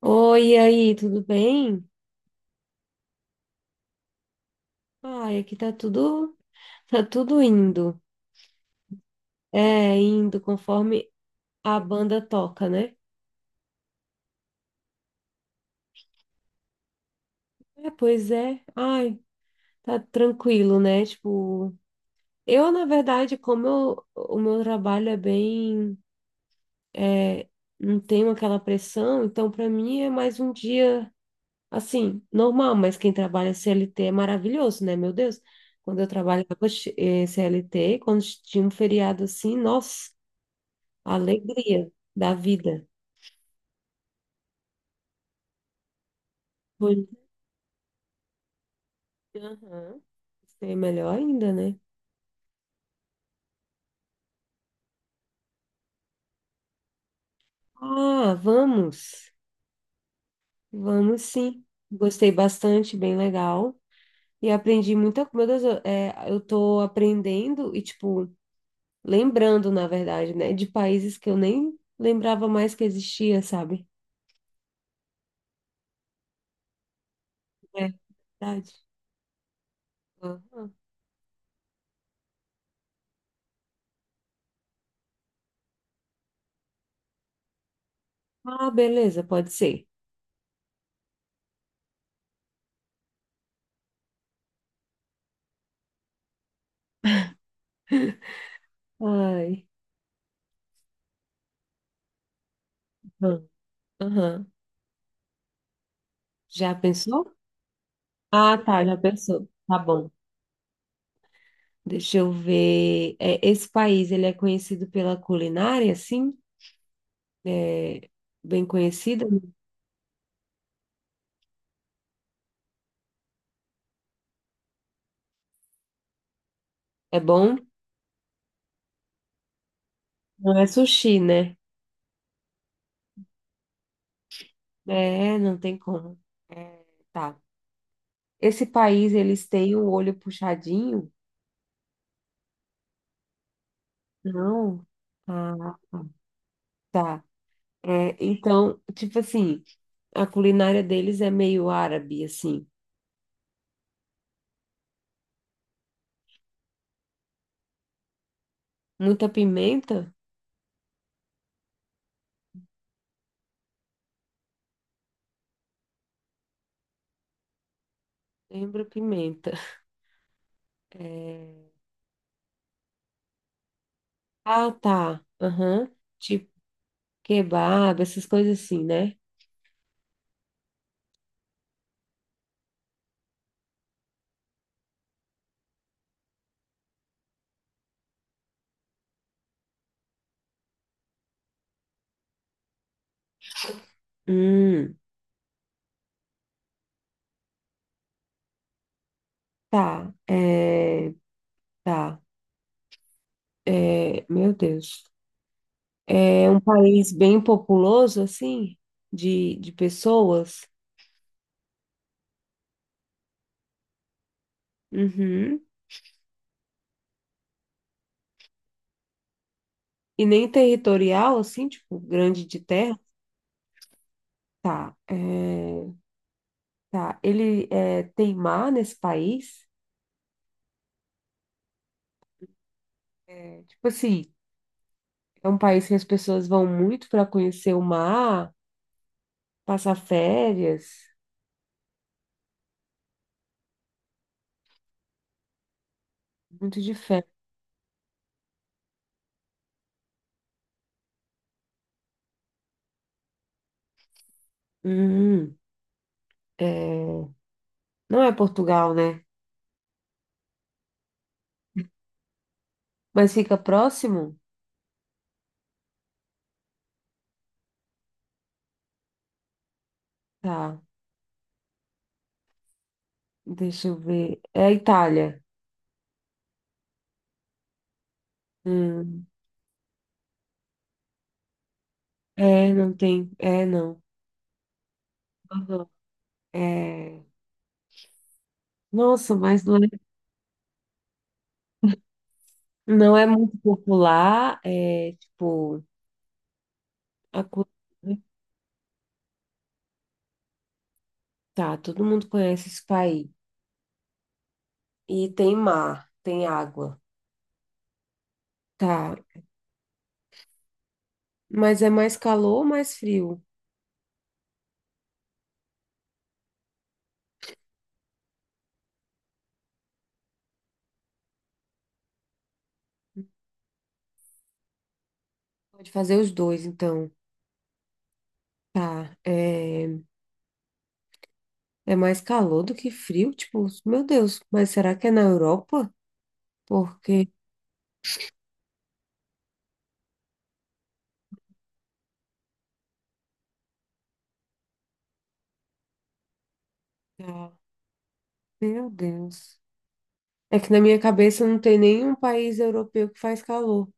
Oi, e aí, tudo bem? Ai, aqui tá tudo indo. É, indo conforme a banda toca, né? É, pois é. Ai, tá tranquilo, né? Tipo, eu, na verdade, o meu trabalho é bem, é, não tenho aquela pressão, então pra mim é mais um dia, assim, normal, mas quem trabalha CLT é maravilhoso, né? Meu Deus, quando eu trabalhava, CLT, quando tinha um feriado assim, nossa. A alegria da vida. Foi- Aham. Gostei melhor ainda, né? Ah, vamos. Vamos sim. Gostei bastante, bem legal. E aprendi muita coisa. Meu Deus, eu tô aprendendo e, tipo, lembrando, na verdade, né? De países que eu nem lembrava mais que existia, sabe? É verdade. Aham. Ah, beleza, pode ser. Ai. Aham. Aham. Já pensou? Ah, tá, já pensou. Tá bom. Deixa eu ver. É, esse país, ele é conhecido pela culinária, sim? É bem conhecido? É bom? Não é sushi, né? É, não tem como. É, tá. Esse país, eles têm o olho puxadinho? Não. Ah, tá. É, então, tipo assim, a culinária deles é meio árabe, assim. Muita pimenta? Lembra pimenta. É, ah, tá. Aham. Tipo kebab, essas coisas assim, né? Hum, tá, é, tá, é, meu Deus. É um país bem populoso, assim, de pessoas. Uhum. E nem territorial, assim, tipo, grande de terra. Tá, é, tá. Ele é, tem mar nesse país? É, tipo assim, é um país que as pessoas vão muito para conhecer o mar, passar férias, muito de férias. Hum, é, não é Portugal, né? Mas fica próximo? Tá. Deixa eu ver. É a Itália. Hum. É, não tem. É, não. Aham. É. Nossa, mas não é, muito popular. É tipo. A... cu- Tá, todo mundo conhece esse país. E tem mar, tem água. Tá. Mas é mais calor ou mais frio? Pode fazer os dois, então. Tá. é mais calor do que frio? Tipo, meu Deus, mas será que é na Europa? Porque. Tá. Meu Deus. É que na minha cabeça não tem nenhum país europeu que faz calor.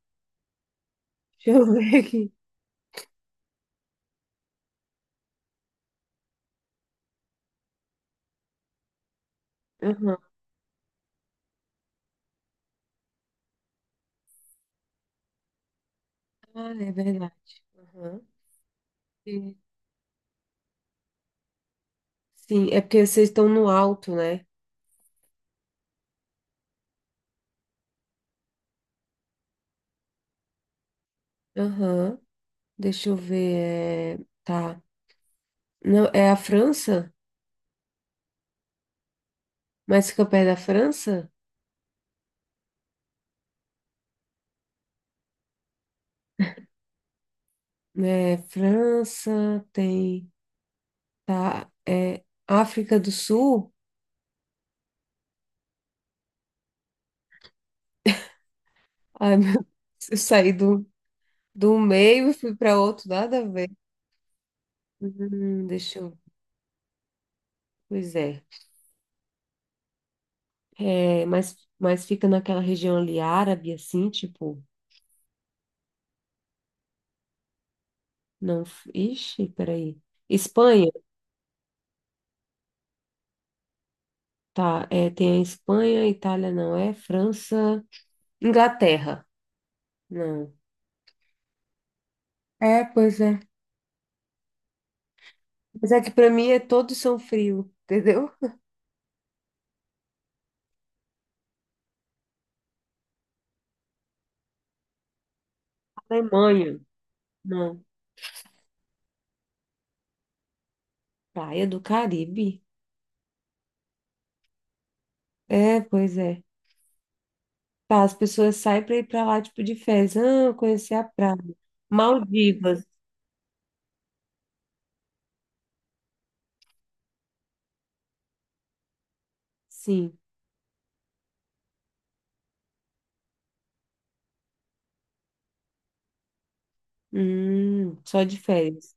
Deixa eu ver aqui. Aham. Ah, é verdade. Aham. Sim, sim, é porque vocês estão no alto, né? Aham. Deixa eu ver. Tá. Não, é a França? Mas fica perto da França? É, França tem. Tá. É África do Sul? Ai, meu Deus, eu saí do meio e fui para outro, nada a ver. Deixa eu. Pois é. É, mas fica naquela região ali árabe, assim, tipo, não, ixi, peraí. Espanha, tá, é, tem a Espanha, Itália não é, França, Inglaterra, não. É, pois é. Mas é que para mim é todos são frio, entendeu? Alemanha, não. Praia do Caribe. É, pois é. Tá, as pessoas saem para ir para lá, tipo, de férias. Ah, eu conheci a praia. Maldivas, sim. Só de férias.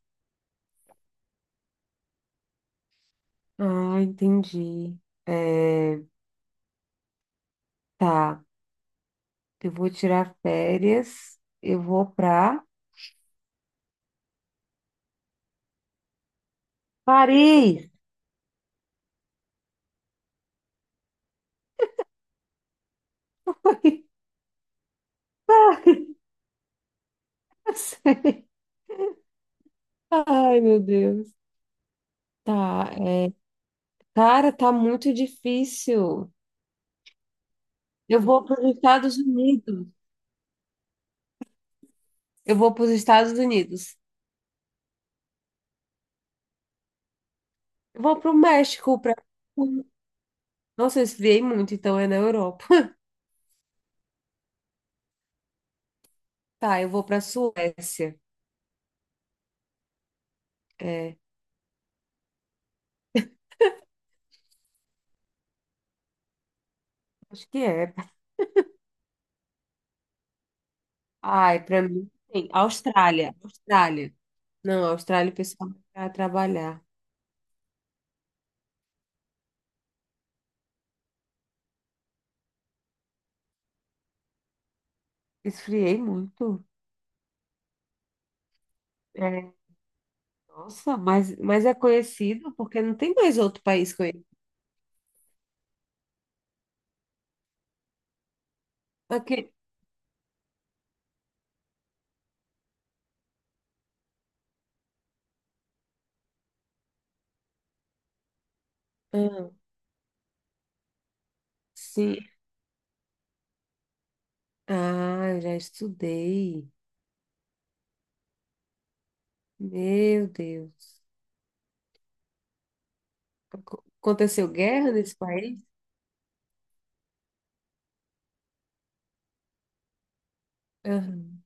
Ah, entendi. É, tá, eu vou tirar férias, eu vou pra Paris. Eu sei. Ai, meu Deus. Tá, é, cara, tá muito difícil. Eu vou para os Estados Unidos. Eu vou para os Estados Unidos. Eu vou para o México, para Nossa, eu esfriei muito, então é na Europa. Tá, eu vou para Suécia. É, acho que é. Ai, para mim, sim. Austrália, Austrália. Não, a Austrália, o pessoal para trabalhar. Esfriei muito. É, nossa, mas é conhecido porque não tem mais outro país conhecido. Aqui. Ah, sim. Ah, já estudei. Meu Deus. Aconteceu guerra nesse país? Aham.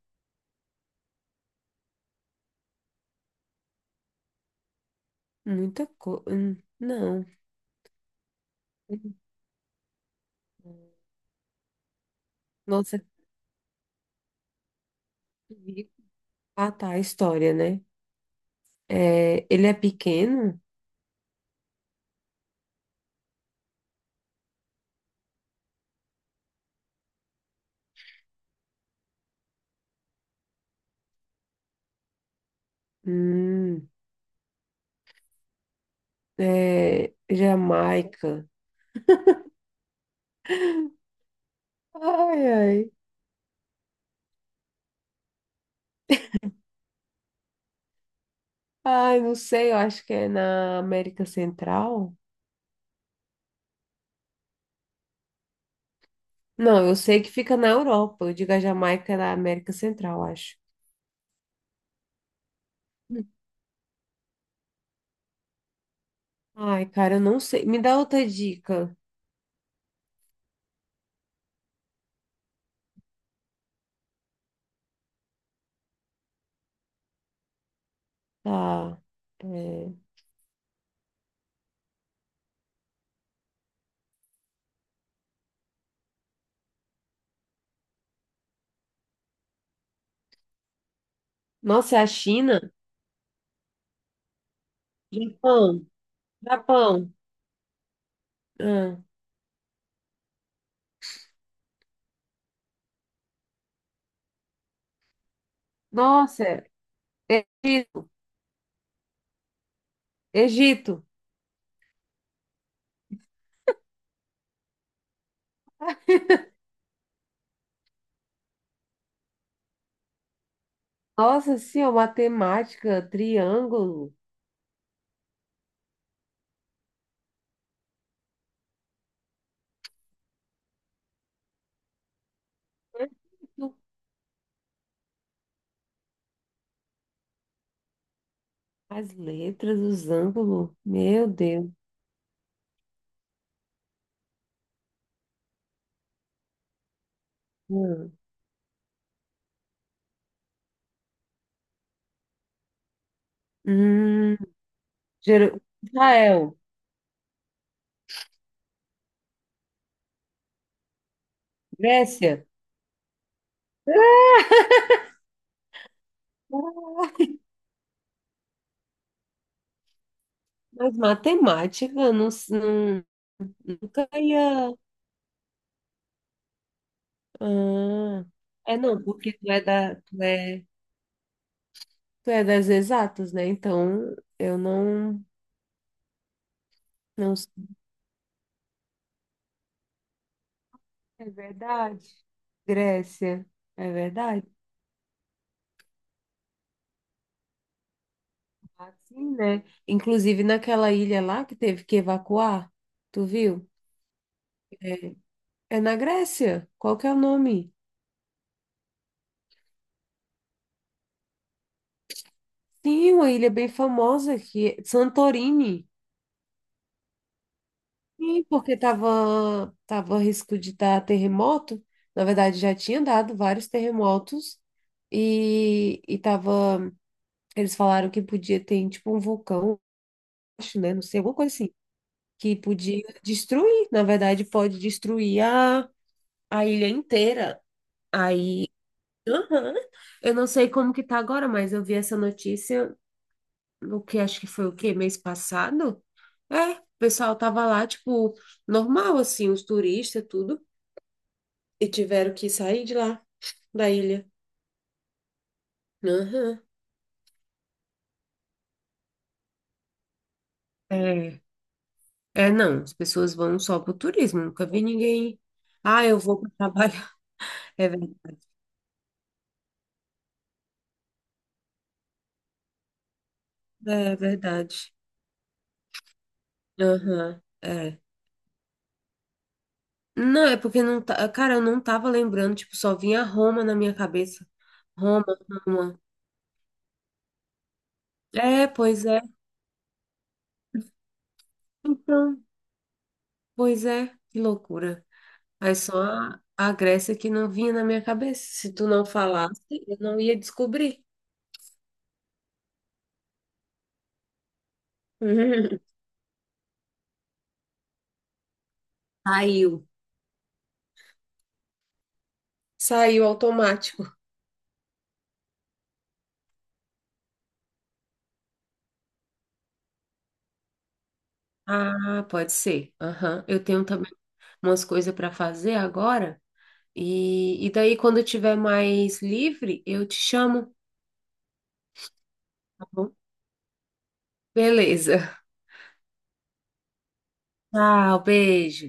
Muita coisa. Não. Nossa, que rico. Ah, tá, a história, né? É, ele é pequeno? Hum, é, Jamaica. Ai, ai. Ai, não sei, eu acho que é na América Central. Não, eu sei que fica na Europa. Eu digo a Jamaica é na América Central, acho. Ai, cara, eu não sei. Me dá outra dica. Ah, é... Nossa, é a China? Japão. Japão. Ah. Nossa, é Egito. Egito. Nossa, sim, ó, matemática, triângulo, canto, as letras, os ângulos. Meu Deus. Ah. Hum, Israel. Grécia. Mas matemática, não, nunca ia. Ah, é não, porque tu é da, tu é das exatas, né? Então eu não, não. É verdade. Grécia, é verdade. Assim, né? Inclusive naquela ilha lá que teve que evacuar, tu viu? É na Grécia. Qual que é o nome? Sim, uma ilha bem famosa que é Santorini. Sim, porque tava a risco de dar terremoto. Na verdade, já tinha dado vários terremotos e tava, eles falaram que podia ter tipo um vulcão, acho, né? Não sei, alguma coisa assim, que podia destruir. Na verdade, pode destruir a ilha inteira. Aí, aham. Eu não sei como que tá agora, mas eu vi essa notícia, o que acho que foi o quê? Mês passado? É, o pessoal tava lá, tipo, normal, assim, os turistas, tudo. E tiveram que sair de lá, da ilha. Aham. É, é, não, as pessoas vão só pro turismo, nunca vi ninguém. Ah, eu vou para trabalhar. É verdade. É verdade. Aham, é. Não, é porque não tá. Cara, eu não tava lembrando, tipo, só vinha Roma na minha cabeça. Roma, Roma. É, pois é. Então, pois é, que loucura. Aí só a Grécia que não vinha na minha cabeça. Se tu não falasse, eu não ia descobrir. Saiu. Saiu automático. Ah, pode ser. Aham. Eu tenho também umas coisas para fazer agora. E daí, quando eu tiver mais livre, eu te chamo, tá bom? Beleza. Tchau, beijo.